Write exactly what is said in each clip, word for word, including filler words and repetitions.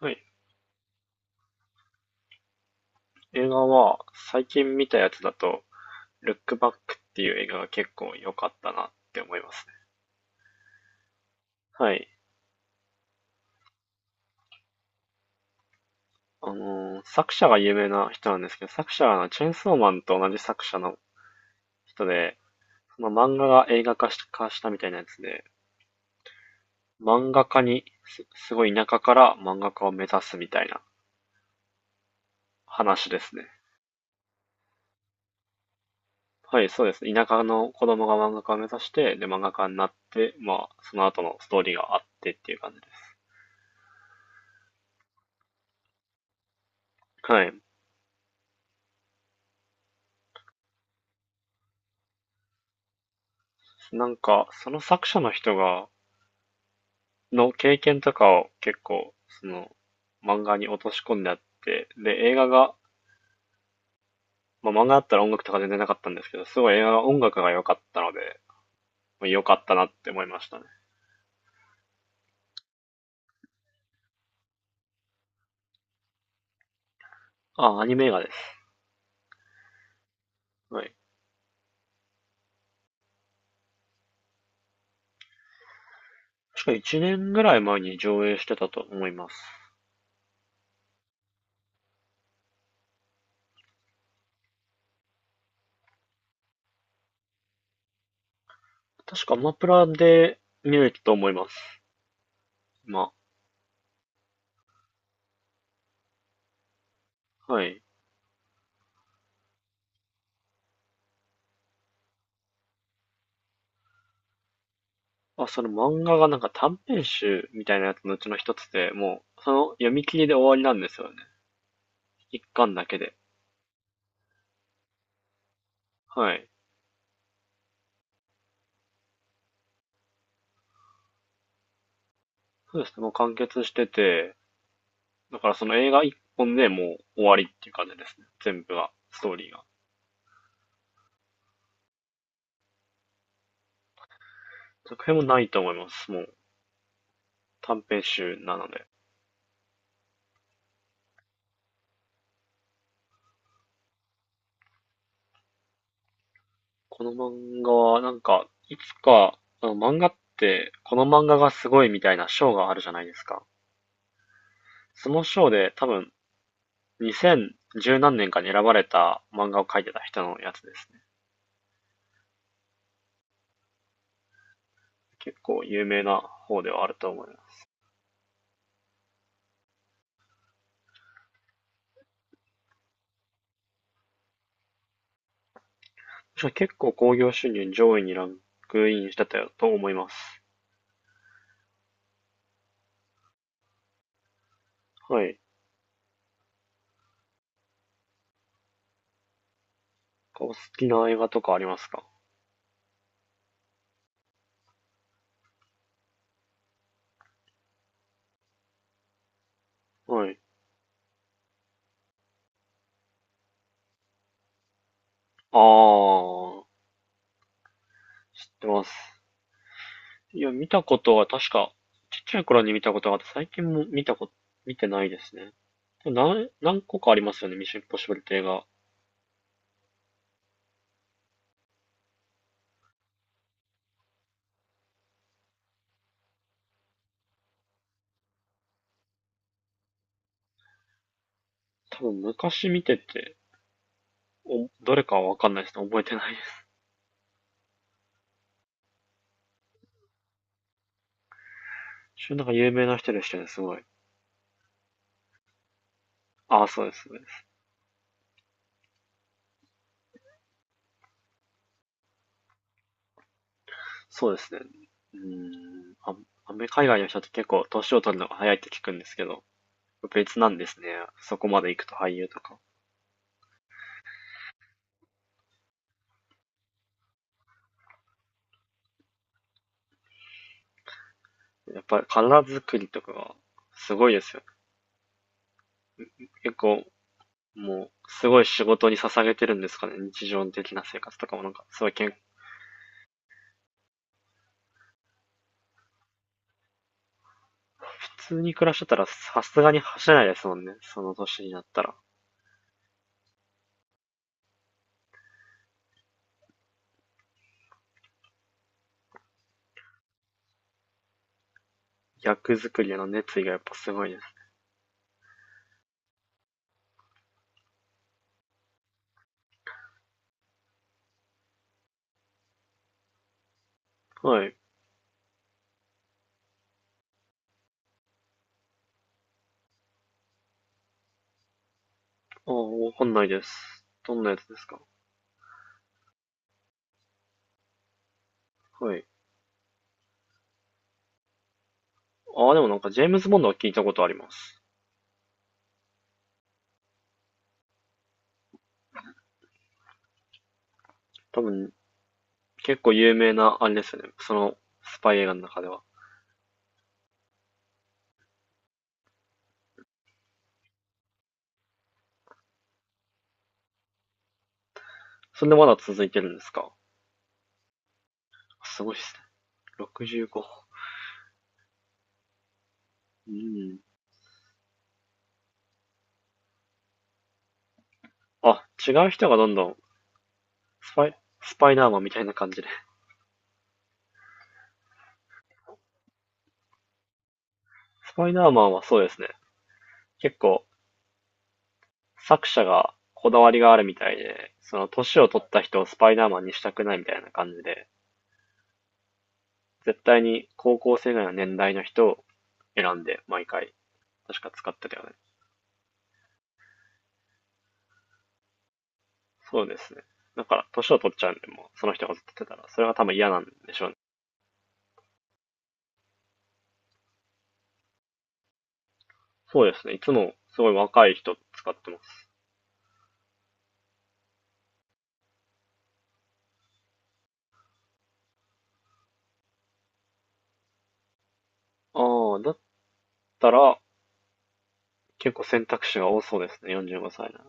はい。映画は、最近見たやつだと、ルックバックっていう映画が結構良かったなって思いますね。はい。あのー作者が有名な人なんですけど、作者がチェーンソーマンと同じ作者の人で、その漫画が映画化し化したみたいなやつで、漫画家にす、すごい田舎から漫画家を目指すみたいな話ですね。はい、そうですね。田舎の子供が漫画家を目指して、で、漫画家になって、まあ、その後のストーリーがあってっていう感じです。はい。なんか、その作者の人が、の経験とかを結構、その、漫画に落とし込んであって、で、映画が、まあ、漫画だったら音楽とか全然なかったんですけど、すごい映画が音楽が良かったので、まあ良かったなって思いましたね。あ、アニメ映画です。はい。確かいちねんぐらい前に上映してたと思います。確かアマプラで見れたと思います。まあ、はい。まあ、その漫画がなんか短編集みたいなやつのうちの一つで、もう、その読み切りで終わりなんですよね。一巻だけで。はい。そうですね。もう完結してて、だからその映画一本でもう終わりっていう感じですね。全部が、ストーリーが。続編もないと思います。もう短編集なので。この漫画はなんか、いつか、あの漫画って、この漫画がすごいみたいな賞があるじゃないですか。その賞で多分にせんじゅう何年かに選ばれた漫画を描いてた人のやつですね。結構有名な方ではあると思います。確か結構興行収入上位にランクインしてたと思います。はい。お好きな映画とかありますか？はい。ああ、知ってます。いや、見たことは確か、ちっちゃい頃に見たことがあって、最近も見たこと、見てないですね。でも何、何個かありますよね、ミッションインポッシブルって映画。多分昔見てて、お、どれかはわかんないですね。覚えてないです。一応なんか有名な人でしたね、すごい。ああ、そうですね。そうですね。うーん、あ、アメ海外の人って結構年を取るのが早いって聞くんですけど、別なんですね。そこまで行くと俳優とか。やっぱり体作りとかがすごいですよ。結構、もう、すごい仕事に捧げてるんですかね。日常的な生活とかもなんか、すごいけん、普通に暮らしてたらさすがに走れないですもんね。その年になったら。役作りへの熱意がやっぱすごいです。はい。ああ、わかんないです。どんなやつですか？はい。ああ、でもなんかジェームズ・ボンドは聞いたことあります。多分、結構有名な、あれですよね。その、スパイ映画の中では。それでまだ続いてるんですか？すごいですね。ろくじゅうご。うん。あ、違う人がどんどんスパイ、スパイダーマンみたいな感じで。スパイダーマンはそうですね。結構作者がこだわりがあるみたいで、その年を取った人をスパイダーマンにしたくないみたいな感じで、絶対に高校生ぐらいの年代の人を選んで毎回確か使ってたよね。そうですね。だから年を取っちゃうんで、もうその人がずっと出ってたら、それが多分嫌なんでしょうね。そうですね。いつもすごい若い人使ってます。ああ、だったら結構選択肢が多そうですね。よんじゅうごさいなら。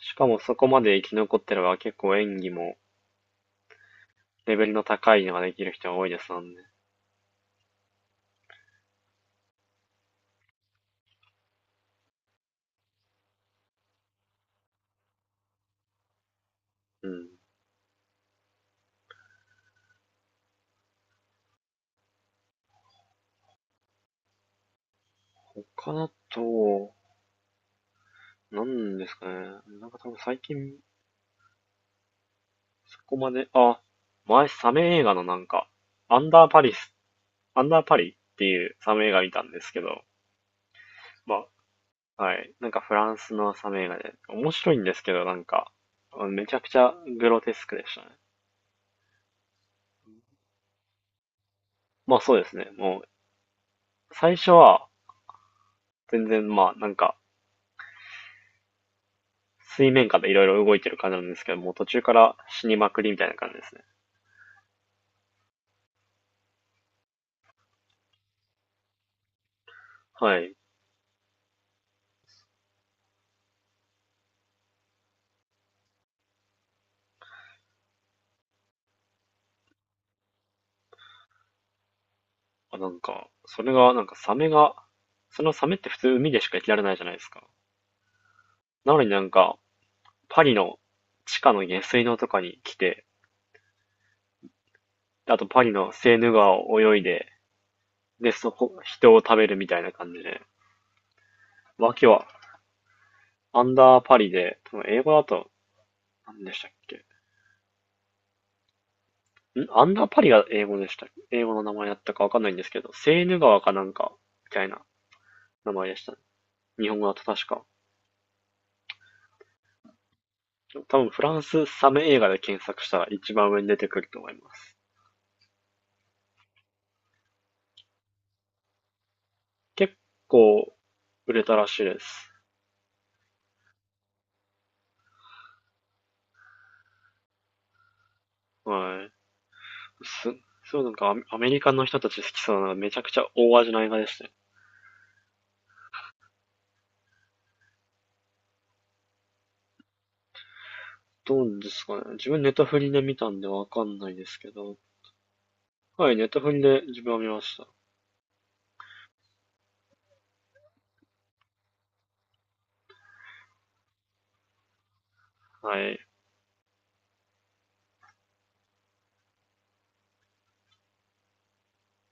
しかもそこまで生き残ってれば結構演技もレベルの高いのができる人が多いですもんね。うん。他だと、なんですかね。なんか多分最近そこまで、あ、前サメ映画のなんか、アンダーパリス、アンダーパリっていうサメ映画見たんですけど、まあ、はい。なんかフランスのサメ映画で、面白いんですけど、なんか、めちゃくちゃグロテスクでしたね。まあそうですね。もう、最初は、全然まあなんか、水面下でいろいろ動いてる感じなんですけど、もう途中から死にまくりみたいな感じですね。はい。あなんか、それが、なんかサメが、そのサメって普通海でしか生きられないじゃないですか。なのになんか、パリの地下の下水道とかに来て、あとパリのセーヌ川を泳いで、で、そこ、人を食べるみたいな感じで。わけは、アンダーパリで、英語だと、何でしたっけ？んアンダーパリが英語でした。英語の名前だったかわかんないんですけど、セーヌ川かなんか、みたいな名前でしたね。日本語だと確か。多分フランスサメ映画で検索したら一番上に出てくると思います。結構売れたらしいです。はい。す、そうなんかアメリカの人たち好きそうなめちゃくちゃ大味な映画でしたね。どうですかね。自分ネタフリで見たんでわかんないですけど。はい、ネタフリで自分は見ました。はい。